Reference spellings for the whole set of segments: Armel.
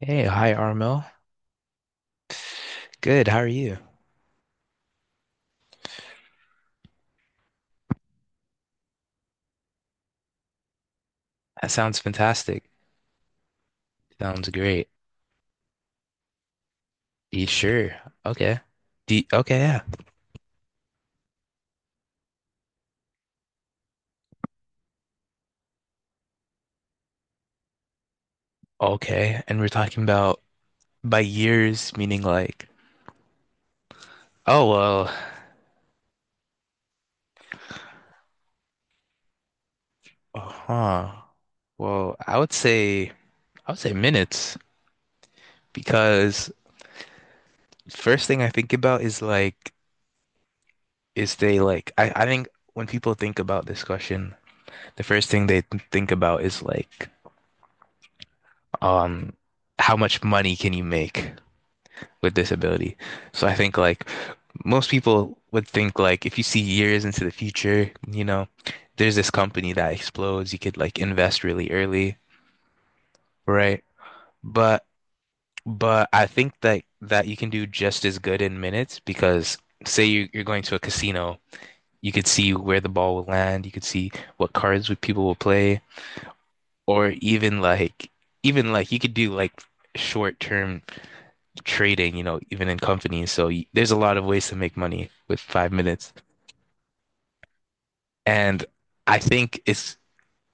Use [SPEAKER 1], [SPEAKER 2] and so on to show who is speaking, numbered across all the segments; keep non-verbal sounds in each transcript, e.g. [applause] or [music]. [SPEAKER 1] Hey, hi, Armel. Good, how are you? That sounds fantastic. Sounds great. You sure? Okay. D Okay, yeah. Okay, and we're talking about by years, meaning like, oh well, uh-huh. Well, I would say minutes because first thing I think about is like, is they like I think when people think about this question, the first thing they think about is like, um, how much money can you make? With disability. So I think like most people would think like if you see years into the future, you know, there's this company that explodes, you could like invest really early, right? But but I think that you can do just as good in minutes because say you're going to a casino, you could see where the ball will land, you could see what cards would people will play, or even like you could do like short-term trading, you know, even in companies. So there's a lot of ways to make money with 5 minutes. And I think it's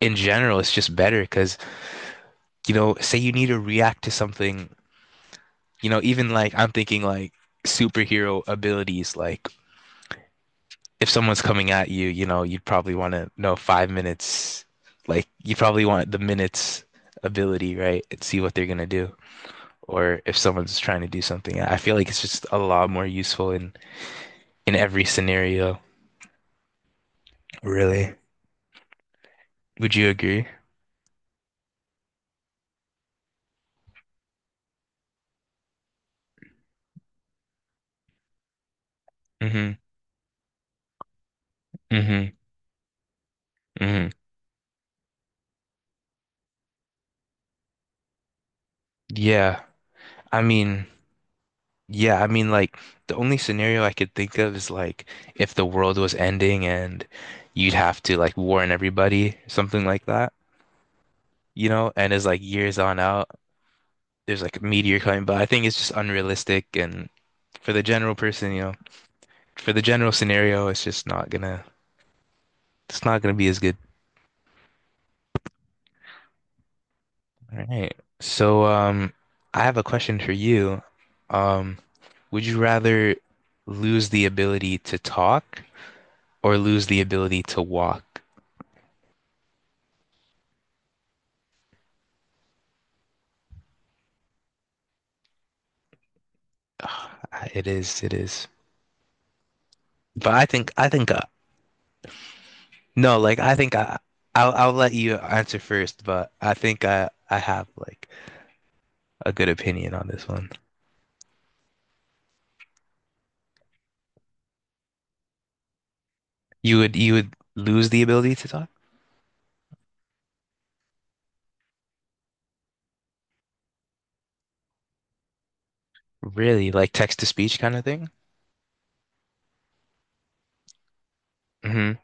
[SPEAKER 1] in general, it's just better because, you know, say you need to react to something, you know, even like I'm thinking like superhero abilities, like if someone's coming at you, you know, you'd probably want to know 5 minutes, like you probably want the minutes ability, right? And see what they're gonna do. Or if someone's trying to do something, I feel like it's just a lot more useful in every scenario, really. Would you agree? Hmm. Hmm. Hmm. Yeah. I mean, yeah, I mean like the only scenario I could think of is like if the world was ending and you'd have to like warn everybody, something like that, you know, and as like years on out, there's like a meteor coming, but I think it's just unrealistic and for the general person, you know, for the general scenario, it's not gonna be as good. All right. So um, I have a question for you. Um, would you rather lose the ability to talk or lose the ability to walk? Ugh. It is. But I think, no, like I'll let you answer first. But I think I have like a good opinion on this one. You would lose the ability to talk? Really? Like text to speech kind of thing? Hmm.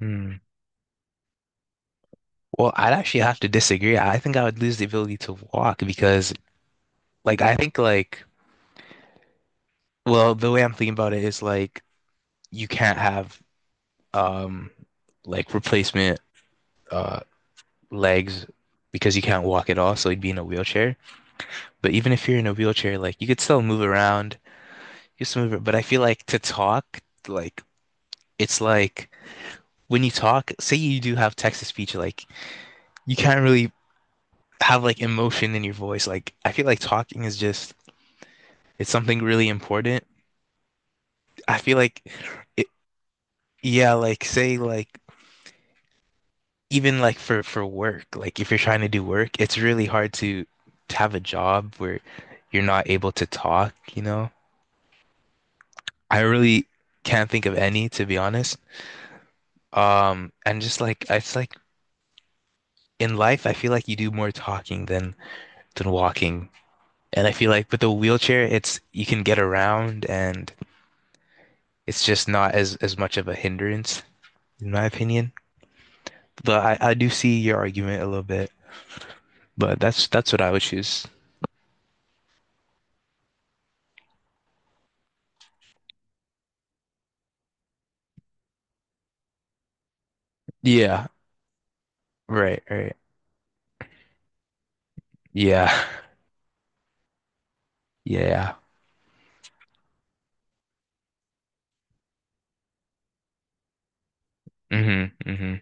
[SPEAKER 1] Mm. Well, I'd actually have to disagree. I think I would lose the ability to walk because, like, I think like, well, the way I'm thinking about it is like, you can't have um like replacement uh legs because you can't walk at all, so he'd be in a wheelchair. But even if you're in a wheelchair, like you could still move around, you still move. But I feel like to talk, like it's like when you talk, say you do have text to speech, like you can't really have like emotion in your voice. Like I feel like talking is just it's something really important. I feel like it, yeah, like say like even like for work, like if you're trying to do work, it's really hard to have a job where you're not able to talk, you know? I really can't think of any, to be honest. And just like it's like in life, I feel like you do more talking than walking. And I feel like with the wheelchair, it's you can get around and it's just not as much of a hindrance, in my opinion. But I do see your argument a little bit, but that's what I would choose. Yeah, right, right. Yeah. [laughs] Yeah. Hmm. Hmm.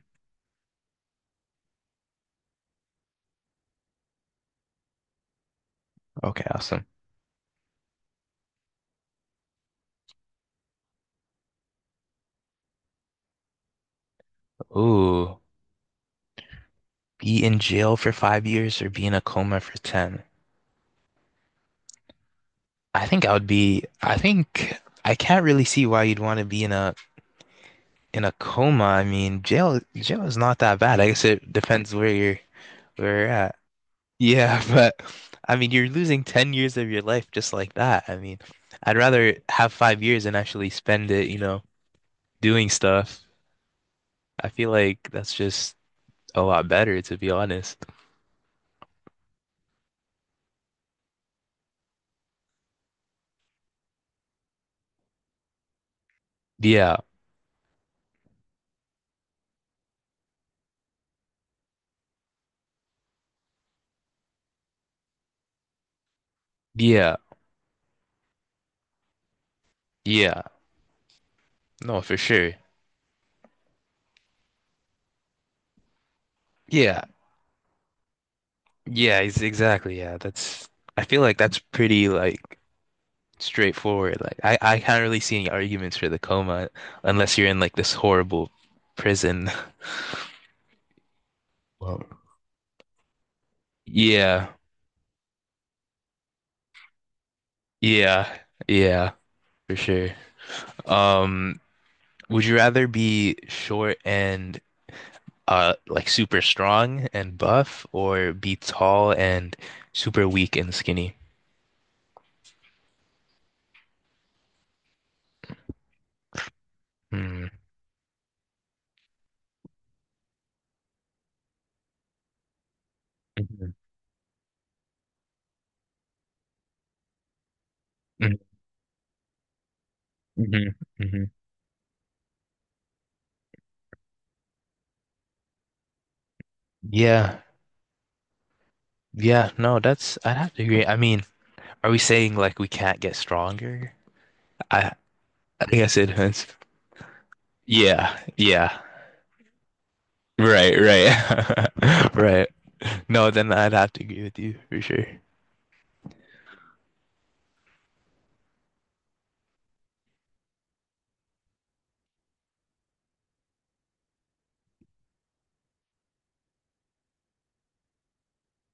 [SPEAKER 1] Okay, awesome. So, ooh, be in jail for 5 years or be in a coma for 10. I think I can't really see why you'd want to be in a coma. I mean, jail is not that bad. I guess it depends where you're at. Yeah, [laughs] but I mean, you're losing 10 years of your life just like that. I mean, I'd rather have 5 years and actually spend it, you know, doing stuff. I feel like that's just a lot better, to be honest. Yeah. Yeah, yeah. No, for sure. Yeah, yeah, ex exactly. Yeah, that's, I feel like that's pretty like straightforward. Like, I can't really see any arguments for the coma unless you're in like this horrible prison. [laughs] Well, yeah, yeah, yeah, for sure. Um, would you rather be short and like super strong and buff or be tall and super weak and skinny? Mm-hmm. Hmm. Yeah. Yeah. No, that's, I'd have to agree. I mean, are we saying like we can't get stronger? I, I think I said hence. Yeah. Yeah. Right. Right. [laughs] Right. No, then I'd have to agree with you for sure.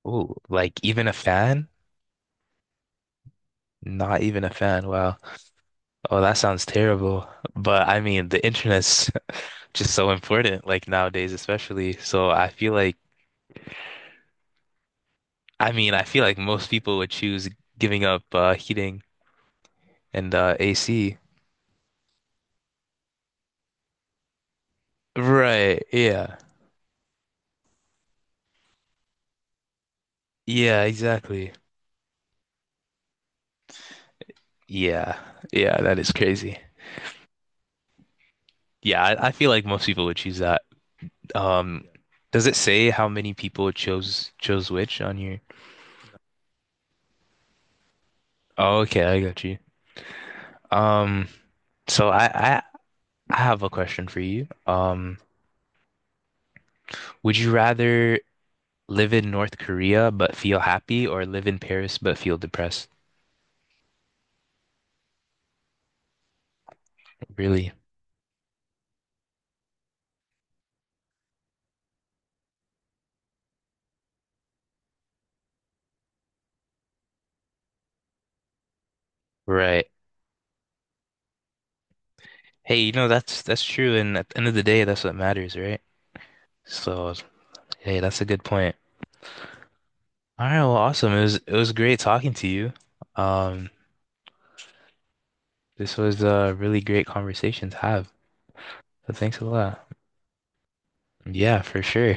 [SPEAKER 1] Oh, like even a fan? Not even a fan. Wow. Oh, that sounds terrible. But I mean, the internet's [laughs] just so important, like nowadays, especially. So I feel like, I mean, I feel like most people would choose giving up heating and AC. Right. Yeah. Yeah, exactly. Yeah. Yeah, that is crazy. Yeah, I feel like most people would choose that. Um, does it say how many people chose which on your? Oh, okay, I got you. Um, so I have a question for you. Would you rather live in North Korea but feel happy or live in Paris but feel depressed? Really? Right. Hey, you know that's true, and at the end of the day, that's what matters, right? So, hey, that's a good point. All right, well, awesome. It was great talking to you. Um, this was a really great conversation to have. So thanks a lot. Yeah, for sure.